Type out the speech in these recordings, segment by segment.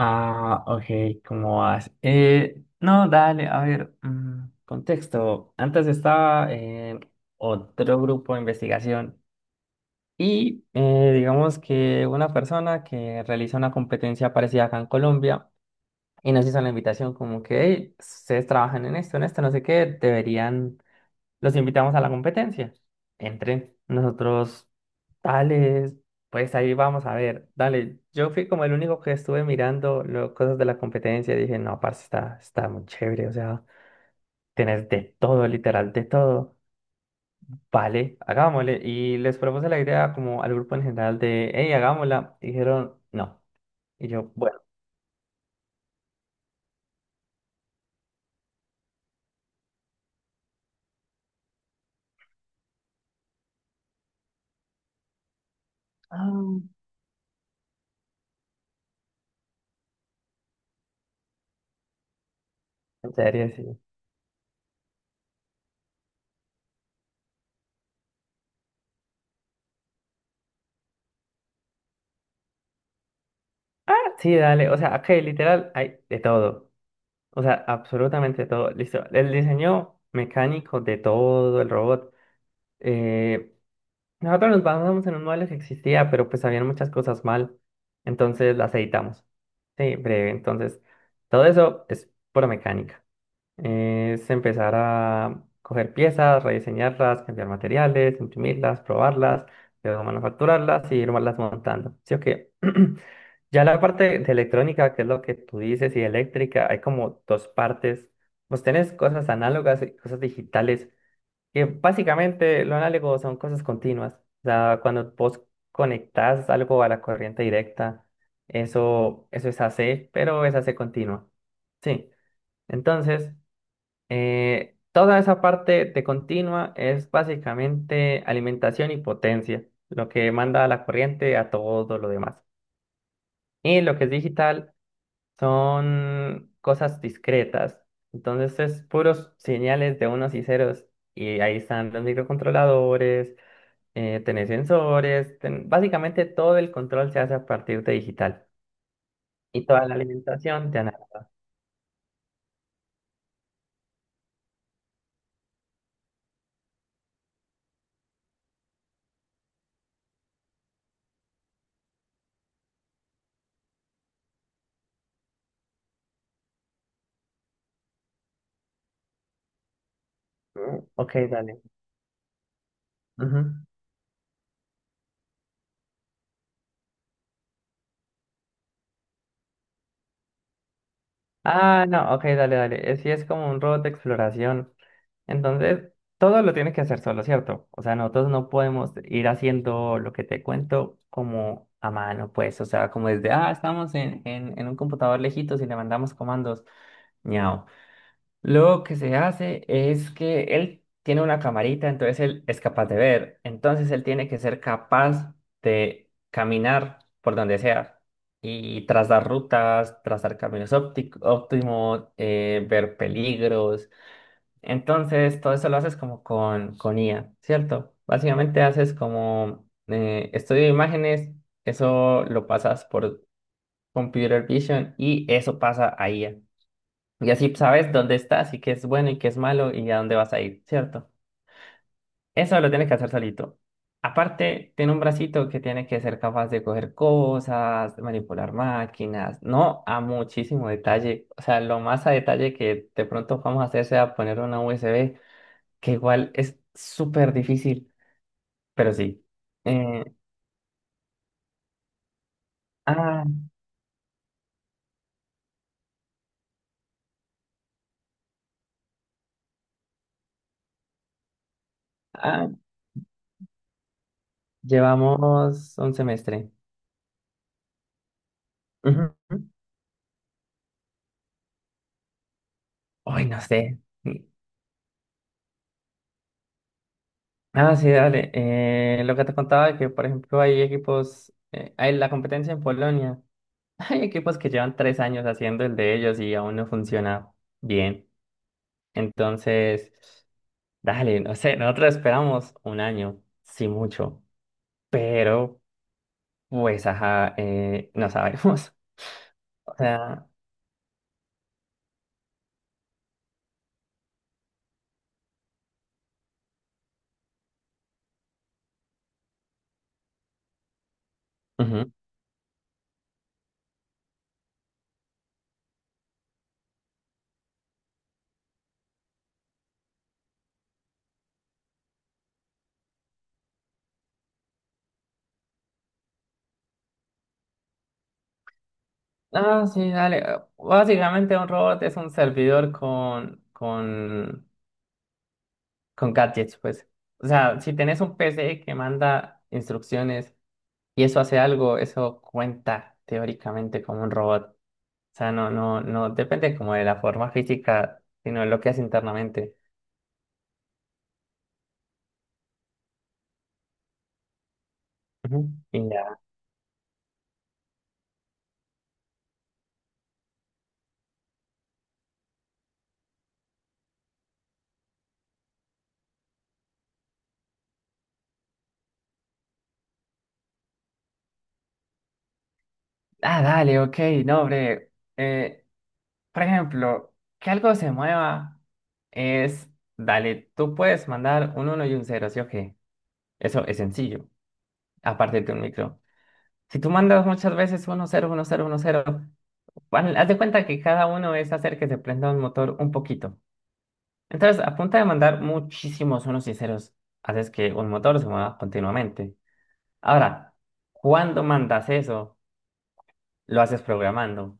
Ah, ok, ¿cómo vas? No, dale, a ver, contexto. Antes estaba en otro grupo de investigación y digamos que una persona que realiza una competencia parecida acá en Colombia y nos hizo la invitación como que, hey, ustedes trabajan en esto, no sé qué, deberían, los invitamos a la competencia. Entren, nosotros. Dale, pues ahí vamos a ver. Dale, yo fui como el único que estuve mirando cosas de la competencia y dije, no, parce, está muy chévere. O sea, tenés de todo, literal, de todo. Vale, hagámosle. Y les propuse la idea como al grupo en general de, hey, hagámosla. Y dijeron, no. Y yo, bueno. Ah, en serio, sí. Ah, sí, dale, o sea, aquí literal hay de todo. O sea, absolutamente todo. Listo. El diseño mecánico de todo el robot. eh, Nosotros nos basamos en un modelo que existía, pero pues habían muchas cosas mal, entonces las editamos. Sí, breve. Entonces, todo eso es pura mecánica. Es empezar a coger piezas, rediseñarlas, cambiar materiales, imprimirlas, probarlas, luego manufacturarlas y irlas montando. Sí, o. Ya la parte de electrónica, que es lo que tú dices, y eléctrica, hay como dos partes. Pues tenés cosas análogas y cosas digitales. Que básicamente lo análogo son cosas continuas. O sea, cuando vos conectás algo a la corriente directa, eso es AC, pero es AC continua. Sí. Entonces, toda esa parte de continua es básicamente alimentación y potencia, lo que manda la corriente a todo lo demás. Y lo que es digital son cosas discretas. Entonces, es puros señales de unos y ceros. Y ahí están los microcontroladores. Tenés sensores, básicamente todo el control se hace a partir de digital. Y toda la alimentación de análogo. Mm, ok, dale. Ujú. Ah, no, ok, dale, dale. Sí, es como un robot de exploración. Entonces, todo lo tienes que hacer solo, ¿cierto? O sea, nosotros no podemos ir haciendo lo que te cuento como a mano, pues. O sea, como desde, estamos en un computador lejitos y le mandamos comandos. Ñao. Lo que se hace es que él tiene una camarita, entonces él es capaz de ver. Entonces él tiene que ser capaz de caminar por donde sea y trazar rutas, trazar caminos óptimos, ver peligros. Entonces todo eso lo haces como con IA, ¿cierto? Básicamente haces como estudio de imágenes, eso lo pasas por Computer Vision y eso pasa a IA. Y así sabes dónde estás y qué es bueno y qué es malo y a dónde vas a ir, ¿cierto? Eso lo tienes que hacer solito. Aparte, tiene un bracito que tiene que ser capaz de coger cosas, de manipular máquinas, no a muchísimo detalle. O sea, lo más a detalle que de pronto vamos a hacer sea poner una USB, que igual es súper difícil, pero sí. Eh, ah, ah, Llevamos un semestre. Ujú. Ay, no sé. Ah, sí, dale. Lo que te contaba de que, por ejemplo, hay equipos, hay la competencia en Polonia. Hay equipos que llevan 3 años haciendo el de ellos y aún no funciona bien. Entonces, dale, no sé, nosotros esperamos un año, sí mucho, pero pues, ajá, no sabemos. O sea, ujú. Ah, sí, dale. Básicamente un robot es un servidor con gadgets, pues. O sea, si tenés un PC que manda instrucciones y eso hace algo, eso cuenta teóricamente como un robot. O sea, no, no, no depende como de la forma física, sino de lo que hace internamente. Ujú. Y ya. Ah, dale, ok, no, hombre. Eh, por ejemplo, que algo se mueva es, dale, tú puedes mandar un uno y un cero, ¿sí o qué? Eso es sencillo, aparte de un micro. Si tú mandas muchas veces uno cero uno cero uno cero. Bueno, haz de cuenta que cada uno es hacer que se prenda un motor un poquito. Entonces, a punta de mandar muchísimos unos y ceros, haces que un motor se mueva continuamente. Ahora, cuando mandas eso, lo haces programando.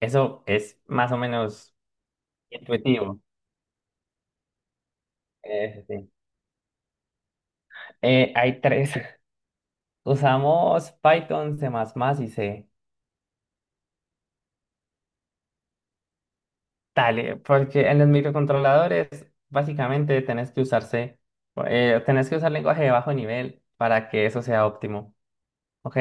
Eso es más o menos intuitivo. Sí. Hay tres. Usamos Python, C++ y C. Dale, porque en los microcontroladores básicamente tenés que usar lenguaje de bajo nivel para que eso sea óptimo. Ok,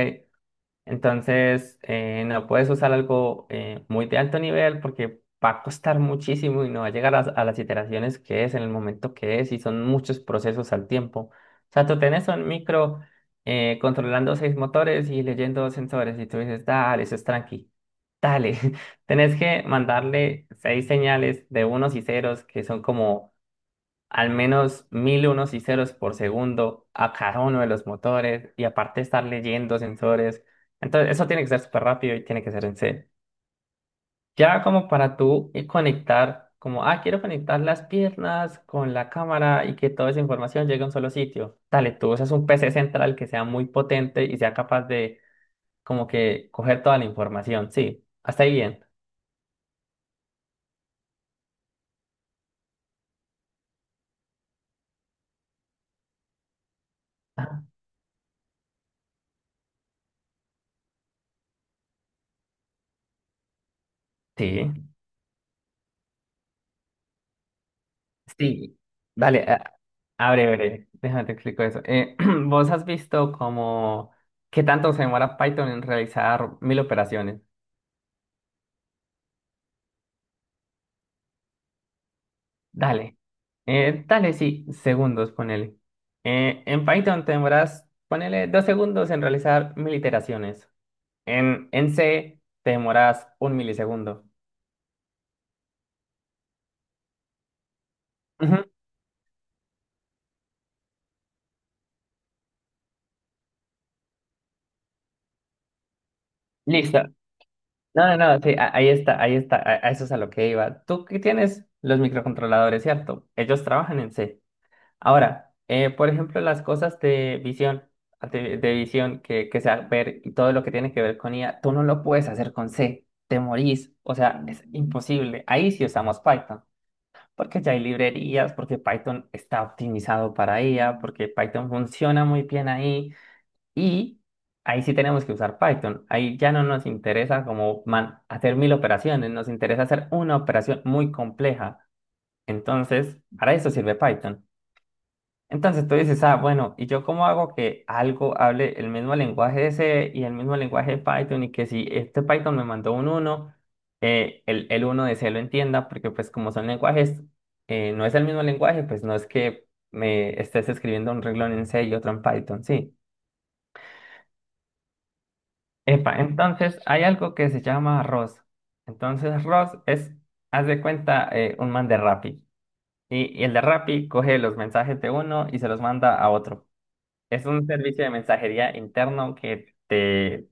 entonces no puedes usar algo muy de alto nivel porque va a costar muchísimo y no va a llegar a las iteraciones que es en el momento que es y son muchos procesos al tiempo. O sea, tú tenés un micro controlando seis motores y leyendo sensores y tú dices, dale, eso es tranqui, dale. Tenés que mandarle seis señales de unos y ceros que son como al menos mil unos y ceros por segundo a cada uno de los motores y aparte estar leyendo sensores. Entonces, eso tiene que ser súper rápido y tiene que ser en C. Ya como para tú y conectar, como, quiero conectar las piernas con la cámara y que toda esa información llegue a un solo sitio. Dale, tú usas un PC central que sea muy potente y sea capaz de como que coger toda la información. Sí, hasta ahí bien. Ajá. Sí, sí. Dale, abre, abre, déjame te explico eso. ¿Vos has visto como qué tanto se demora Python en realizar mil operaciones? Dale, dale, sí, segundos, ponele. En Python te demoras, ponele, 2 segundos en realizar mil iteraciones. En C te demoras un milisegundo. Ujú, listo. No, no, no, sí, ahí está, a eso es a lo que iba. Tú que tienes los microcontroladores, ¿cierto? Ellos trabajan en C. Ahora, por ejemplo, las cosas de visión, de visión que sea ver y todo lo que tiene que ver con IA, tú no lo puedes hacer con C, te morís, o sea, es imposible. Ahí sí usamos Python, porque ya hay librerías, porque Python está optimizado para IA, porque Python funciona muy bien ahí y ahí sí tenemos que usar Python. Ahí ya no nos interesa como hacer mil operaciones, nos interesa hacer una operación muy compleja. Entonces, para eso sirve Python. Entonces tú dices, ah, bueno, ¿y yo cómo hago que algo hable el mismo lenguaje C y el mismo lenguaje de Python? Y que si este Python me mandó un uno, el uno de C lo entienda, porque pues como son lenguajes, no es el mismo lenguaje, pues no es que me estés escribiendo un renglón en C y otro en Python, sí. Epa, entonces hay algo que se llama ROS. Entonces ROS es, haz de cuenta, un man de Rappi. Y el de Rappi coge los mensajes de uno y se los manda a otro. Es un servicio de mensajería interno que te,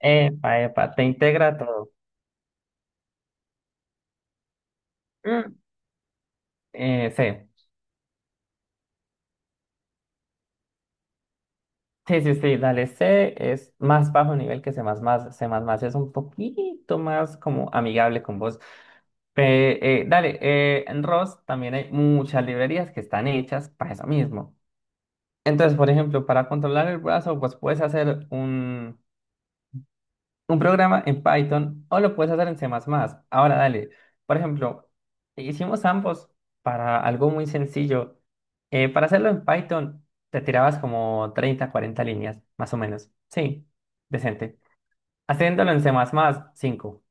epa, epa, te integra todo. Mm. C. Sí, sí, sí, dale. C es más bajo nivel que C++. C++ es un poquito más como amigable con vos. Dale, en ROS también hay muchas librerías que están hechas para eso mismo. Entonces, por ejemplo, para controlar el brazo, pues puedes hacer un programa en Python o lo puedes hacer en C++. Ahora, dale, por ejemplo, hicimos ambos para algo muy sencillo. Para hacerlo en Python, te tirabas como 30 40 líneas, más o menos. Sí, decente. Haciéndolo en C++, 5.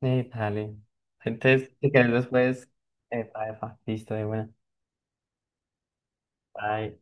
Dale. Entonces, si querés después, epa, epa, listo, de buena. Bye.